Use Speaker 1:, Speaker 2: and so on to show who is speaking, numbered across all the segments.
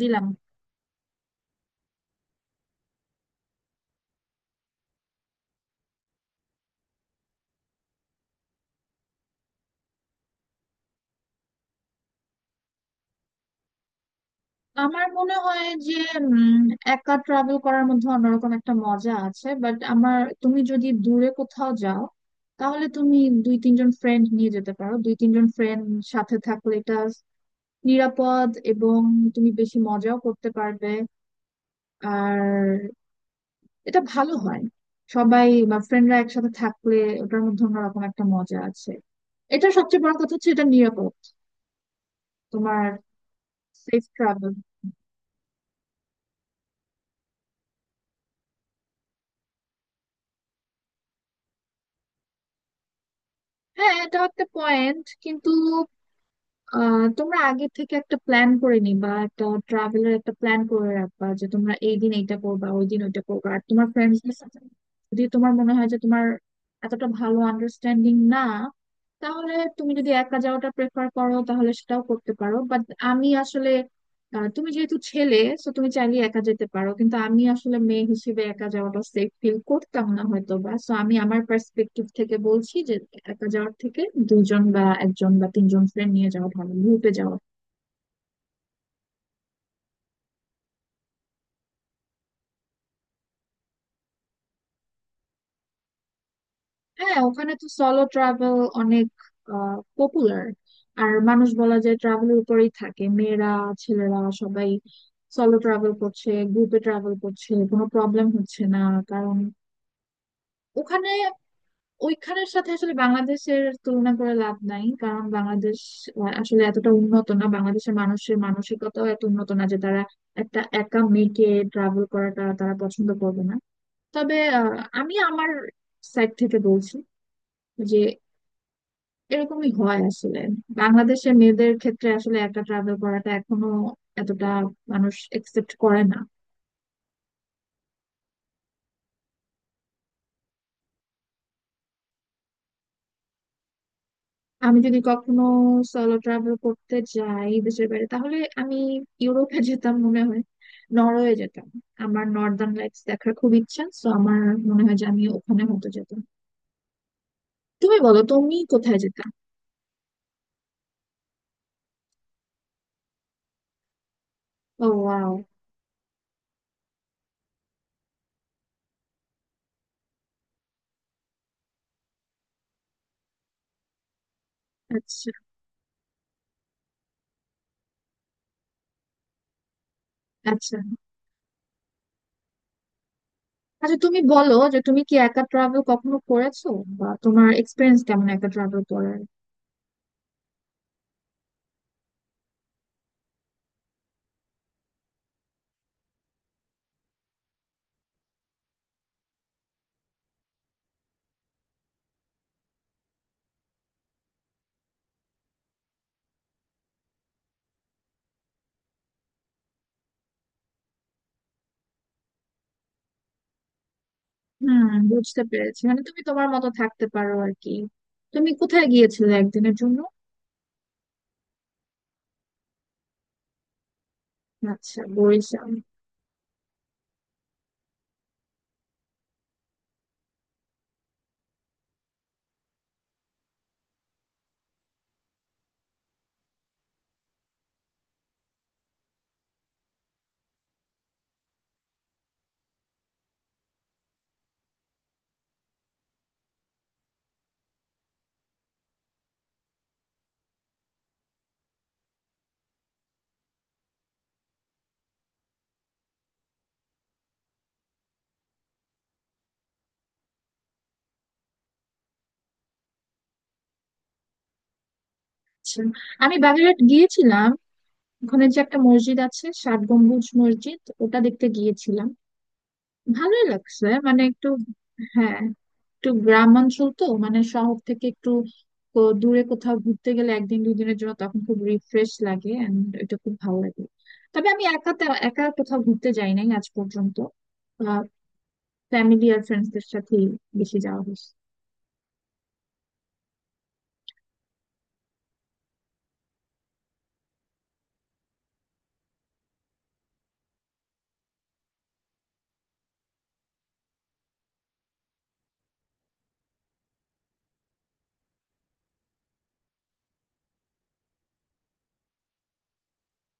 Speaker 1: দিলাম। আমার মনে হয় যে উম, একা ট্রাভেল করার মধ্যে অন্যরকম একটা মজা আছে, বাট আমার তুমি যদি দূরে কোথাও যাও তাহলে তুমি দুই তিনজন ফ্রেন্ড নিয়ে যেতে পারো। দুই তিনজন ফ্রেন্ড সাথে থাকলে এটা নিরাপদ এবং তুমি বেশি মজাও করতে পারবে। আর এটা ভালো হয় সবাই বা ফ্রেন্ডরা একসাথে থাকলে। ওটার মধ্যে অন্যরকম একটা মজা আছে। এটা সবচেয়ে বড় কথা হচ্ছে এটা নিরাপদ তোমার সেফ ট্রাভেল। হ্যাঁ, এটা একটা পয়েন্ট, কিন্তু তোমরা আগে থেকে একটা প্ল্যান করে নিবা, একটা ট্রাভেলের একটা প্ল্যান করে রাখবা যে তোমরা এই দিন এইটা করবা, ওই দিন ওইটা করবা। আর তোমার ফ্রেন্ডসদের সাথে যদি তোমার মনে হয় যে তোমার এতটা ভালো আন্ডারস্ট্যান্ডিং না, তাহলে তুমি যদি একা যাওয়াটা প্রেফার করো তাহলে সেটাও করতে পারো। বাট আমি আসলে তুমি যেহেতু ছেলে তো তুমি চাইলে একা যেতে পারো, কিন্তু আমি আসলে মেয়ে হিসেবে একা যাওয়াটা সেফ ফিল করতাম না হয়তো বা। সো আমি আমার পার্সপেক্টিভ থেকে বলছি যে একা যাওয়ার থেকে দুইজন বা একজন বা তিনজন ফ্রেন্ড নিয়ে যাওয়া ভালো, গ্রুপে যাওয়া। হ্যাঁ, ওখানে তো সলো ট্রাভেল অনেক পপুলার। আর মানুষ বলা যায় ট্রাভেলের উপরেই থাকে। মেয়েরা, ছেলেরা সবাই সলো ট্রাভেল করছে, গ্রুপে ট্রাভেল করছে, কোনো প্রবলেম হচ্ছে না। কারণ ওখানে, ওইখানের সাথে আসলে বাংলাদেশের তুলনা করে লাভ নাই। কারণ বাংলাদেশ আসলে এতটা উন্নত না, বাংলাদেশের মানুষের মানসিকতাও এত উন্নত না যে তারা একটা একা মেয়েকে ট্রাভেল করাটা তারা পছন্দ করবে না। তবে আমি আমার সাইড থেকে বলছি যে এরকমই হয় আসলে। বাংলাদেশের মেয়েদের ক্ষেত্রে আসলে একা ট্রাভেল করাটা এখনো এতটা মানুষ একসেপ্ট করে না। আমি যদি কখনো সলো ট্রাভেল করতে যাই দেশের বাইরে, তাহলে আমি ইউরোপে যেতাম মনে হয়। নরওয়ে যেতাম। আমার নর্দার্ন লাইটস দেখার খুব ইচ্ছা, তো আমার মনে হয় যে আমি ওখানে হয়তো যেতাম। তুমি বলো, তুমি কোথায় যেতাম। ও, ওয়াও। আচ্ছা। আচ্ছা। আচ্ছা, তুমি বলো যে তুমি কি একা ট্রাভেল কখনো করেছো, বা তোমার এক্সপিরিয়েন্স কেমন একা ট্রাভেল করার? হুম, বুঝতে পেরেছি, মানে তুমি তোমার মতো থাকতে পারো আর কি। তুমি কোথায় গিয়েছিলে একদিনের জন্য? আচ্ছা, বরিশাল। আচ্ছা, আমি বাগেরহাট গিয়েছিলাম। ওখানে যে একটা মসজিদ আছে, ষাট গম্বুজ মসজিদ, ওটা দেখতে গিয়েছিলাম। ভালোই লাগছে মানে একটু। হ্যাঁ, একটু গ্রাম অঞ্চল তো, মানে শহর থেকে একটু দূরে কোথাও ঘুরতে গেলে একদিন দুই দিনের জন্য, তখন খুব রিফ্রেশ লাগে এন্ড এটা খুব ভালো লাগে। তবে আমি একা একা কোথাও ঘুরতে যাই নাই আজ পর্যন্ত। ফ্যামিলি আর ফ্রেন্ডসদের সাথেই বেশি যাওয়া হয়েছে।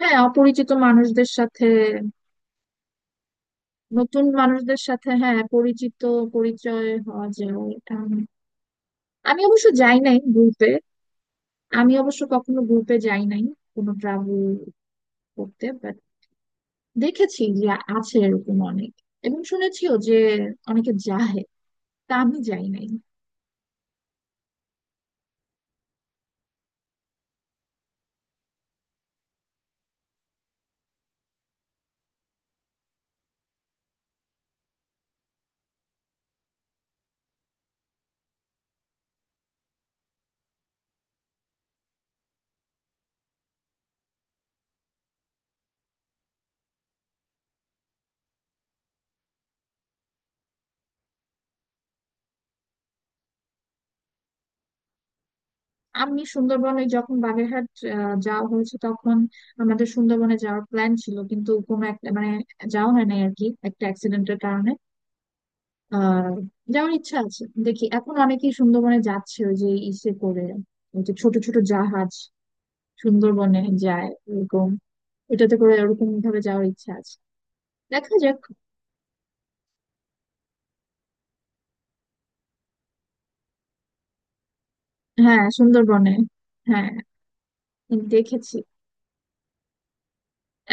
Speaker 1: হ্যাঁ, অপরিচিত মানুষদের সাথে। নতুন মানুষদের সাথে হ্যাঁ পরিচিত, পরিচয় হওয়া যায়। এটা আমি, আমি অবশ্য যাই নাই গ্রুপে। আমি অবশ্য কখনো গ্রুপে যাই নাই কোনো ট্রাভেল করতে। দেখেছি যে আছে এরকম অনেক, এবং শুনেছিও যে অনেকে যায়। তা আমি যাই নাই। আমি সুন্দরবনে, যখন বাগেরহাট যাওয়া হয়েছে তখন আমাদের সুন্দরবনে যাওয়ার প্ল্যান ছিল, কিন্তু কোনো একটা মানে যাওয়া হয় নাই আর কি, একটা অ্যাক্সিডেন্টের কারণে। আহ যাওয়ার ইচ্ছা আছে। দেখি, এখন অনেকেই সুন্দরবনে যাচ্ছে, ওই যে ইসে করে, ওই যে ছোট ছোট জাহাজ সুন্দরবনে যায় এরকম, এটাতে করে ওরকম ভাবে যাওয়ার ইচ্ছা আছে। দেখা যাক। হ্যাঁ, সুন্দরবনে। হ্যাঁ, দেখেছি।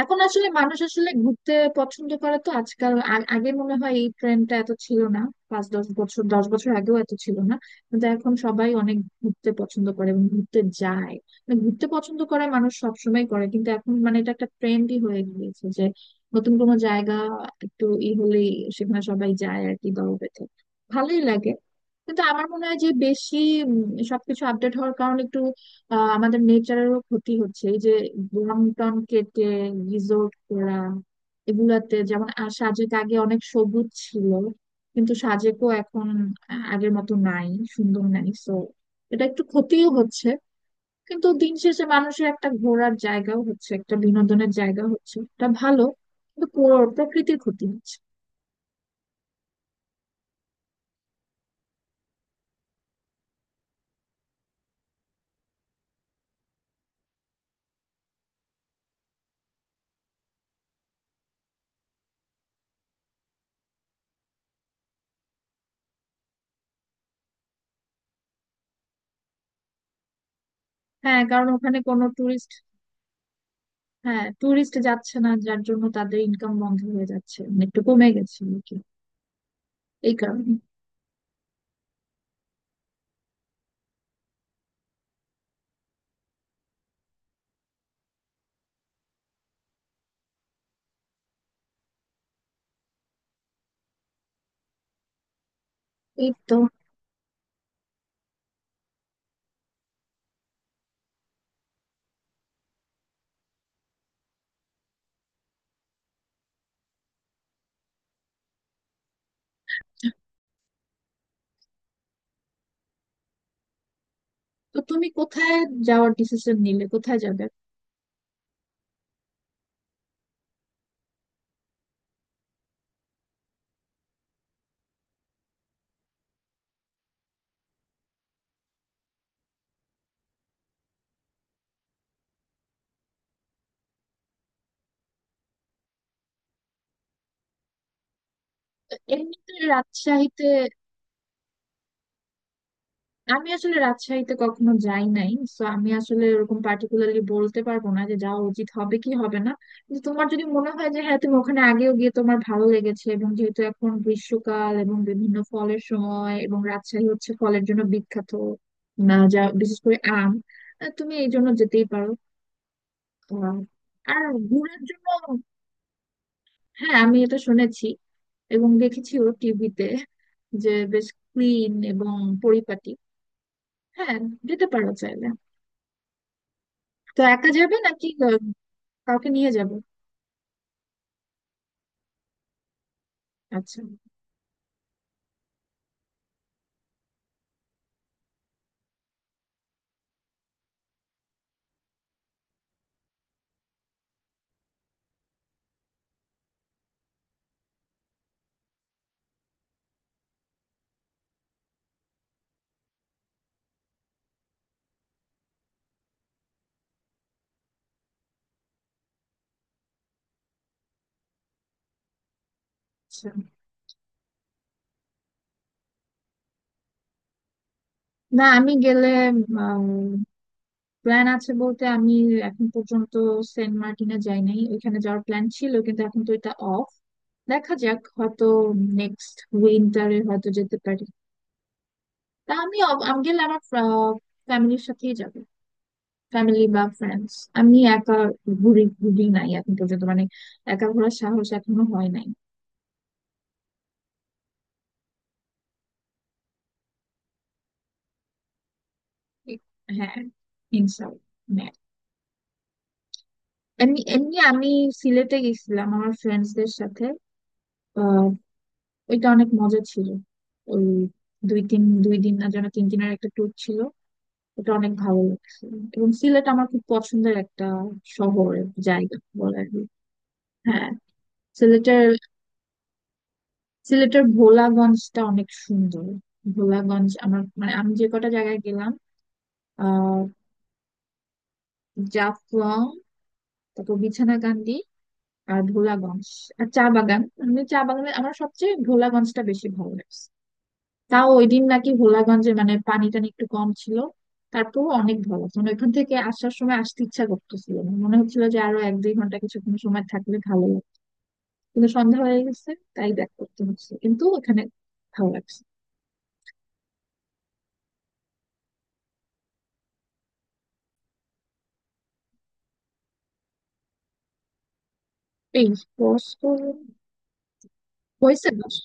Speaker 1: এখন আসলে মানুষ আসলে ঘুরতে পছন্দ করে তো আজকাল। আগে মনে হয় এই ট্রেন্ডটা এত ছিল না। পাঁচ দশ বছর, আগেও এত ছিল না। কিন্তু এখন সবাই অনেক ঘুরতে পছন্দ করে এবং ঘুরতে যায়। মানে ঘুরতে পছন্দ করে মানুষ সবসময় করে, কিন্তু এখন মানে এটা একটা ট্রেন্ডই হয়ে গিয়েছে যে নতুন কোনো জায়গা একটু ই হলেই সেখানে সবাই যায় আর কি, দল বেঁধে। ভালোই লাগে, কিন্তু আমার মনে হয় যে বেশি উম, সবকিছু আপডেট হওয়ার কারণে একটু আমাদের নেচারেরও ক্ষতি হচ্ছে। এই যে বন টন কেটে রিসোর্ট করা, এগুলাতে যেমন সাজেক আগে অনেক সবুজ ছিল, কিন্তু সাজেকও এখন আগের মতো নাই, সুন্দর নাই। সো এটা একটু ক্ষতিও হচ্ছে, কিন্তু দিন শেষে মানুষের একটা ঘোরার জায়গাও হচ্ছে, একটা বিনোদনের জায়গা হচ্ছে, এটা ভালো। কিন্তু প্রকৃতির ক্ষতি হচ্ছে। হ্যাঁ, কারণ ওখানে কোনো টুরিস্ট। হ্যাঁ, টুরিস্ট যাচ্ছে না যার জন্য তাদের ইনকাম বন্ধ হয়ে যাচ্ছে, মানে একটু কমে গেছে আর কি, এই কারণে। এই তো। তো তুমি কোথায় যাওয়ার ডিসিশন নিলে, কোথায় যাবে? তো এমনিতে রাজশাহীতে, আমি আসলে রাজশাহীতে কখনো যাই নাই, তো আমি আসলে ওরকম পার্টিকুলারলি বলতে পারবো না যে যাওয়া উচিত হবে কি হবে না। কিন্তু তোমার যদি মনে হয় যে হ্যাঁ, তুমি ওখানে আগেও গিয়ে তোমার ভালো লেগেছে, এবং যেহেতু এখন গ্রীষ্মকাল এবং বিভিন্ন ফলের সময় এবং রাজশাহী হচ্ছে ফলের জন্য বিখ্যাত, না যা বিশেষ করে আম, তুমি এই জন্য যেতেই পারো। আহ, আর ঘোরার জন্য, হ্যাঁ আমি এটা শুনেছি এবং দেখেছিও টিভিতে যে বেশ ক্লিন এবং পরিপাটি। হ্যাঁ, যেতে পারো চাইলে। তো একা যাবে নাকি কাউকে নিয়ে যাবে? আচ্ছা। আচ্ছা। না, আমি গেলে, প্ল্যান আছে বলতে আমি এখন পর্যন্ত সেন্ট মার্টিনে যাই নাই। ওইখানে যাওয়ার প্ল্যান ছিল, কিন্তু এখন তো এটা অফ। দেখা যাক, হয়তো নেক্সট উইন্টারে হয়তো যেতে পারি। তা আমি আমি গেলে আমার ফ্যামিলির সাথেই যাবো, ফ্যামিলি বা ফ্রেন্ডস। আমি একা ঘুরি, ঘুরি নাই এখন পর্যন্ত, মানে একা ঘোরার সাহস এখনো হয় নাই। হ্যাঁ, ইনশাল্লাহ। এমনি এমনি আমি সিলেটে গেছিলাম আমার ফ্রেন্ডসদের সাথে। আহ, ওইটা অনেক মজা ছিল। ওই দুই দিন না যেন তিন দিনের একটা ট্যুর ছিল। ওটা অনেক ভালো লাগছিল, এবং সিলেট আমার খুব পছন্দের একটা শহরের জায়গা বলা যায়। হ্যাঁ। সিলেটের সিলেটের ভোলাগঞ্জটা অনেক সুন্দর। ভোলাগঞ্জ আমার মানে, আমি যে কটা জায়গায় গেলাম আহ জাফলং, তারপর বিছানাকান্দি, আর ভোলাগঞ্জ, আর চা বাগান। আমি চা বাগানে, আমার সবচেয়ে ভোলাগঞ্জটা বেশি ভালো লাগে। তাও ওই দিন নাকি ভোলাগঞ্জে মানে পানি টানি একটু কম ছিল। তারপর অনেক ভালো মানে, ওইখান থেকে আসার সময় আসতে ইচ্ছা করতেছিল না, মনে হচ্ছিল যে আরো এক দুই ঘন্টা কিছুক্ষণ সময় থাকলে ভালো লাগতো, কিন্তু সন্ধ্যা হয়ে গেছে তাই ব্যাক করতে হচ্ছে। কিন্তু ওখানে ভালো লাগছে। এই বস, হয়েছে বস।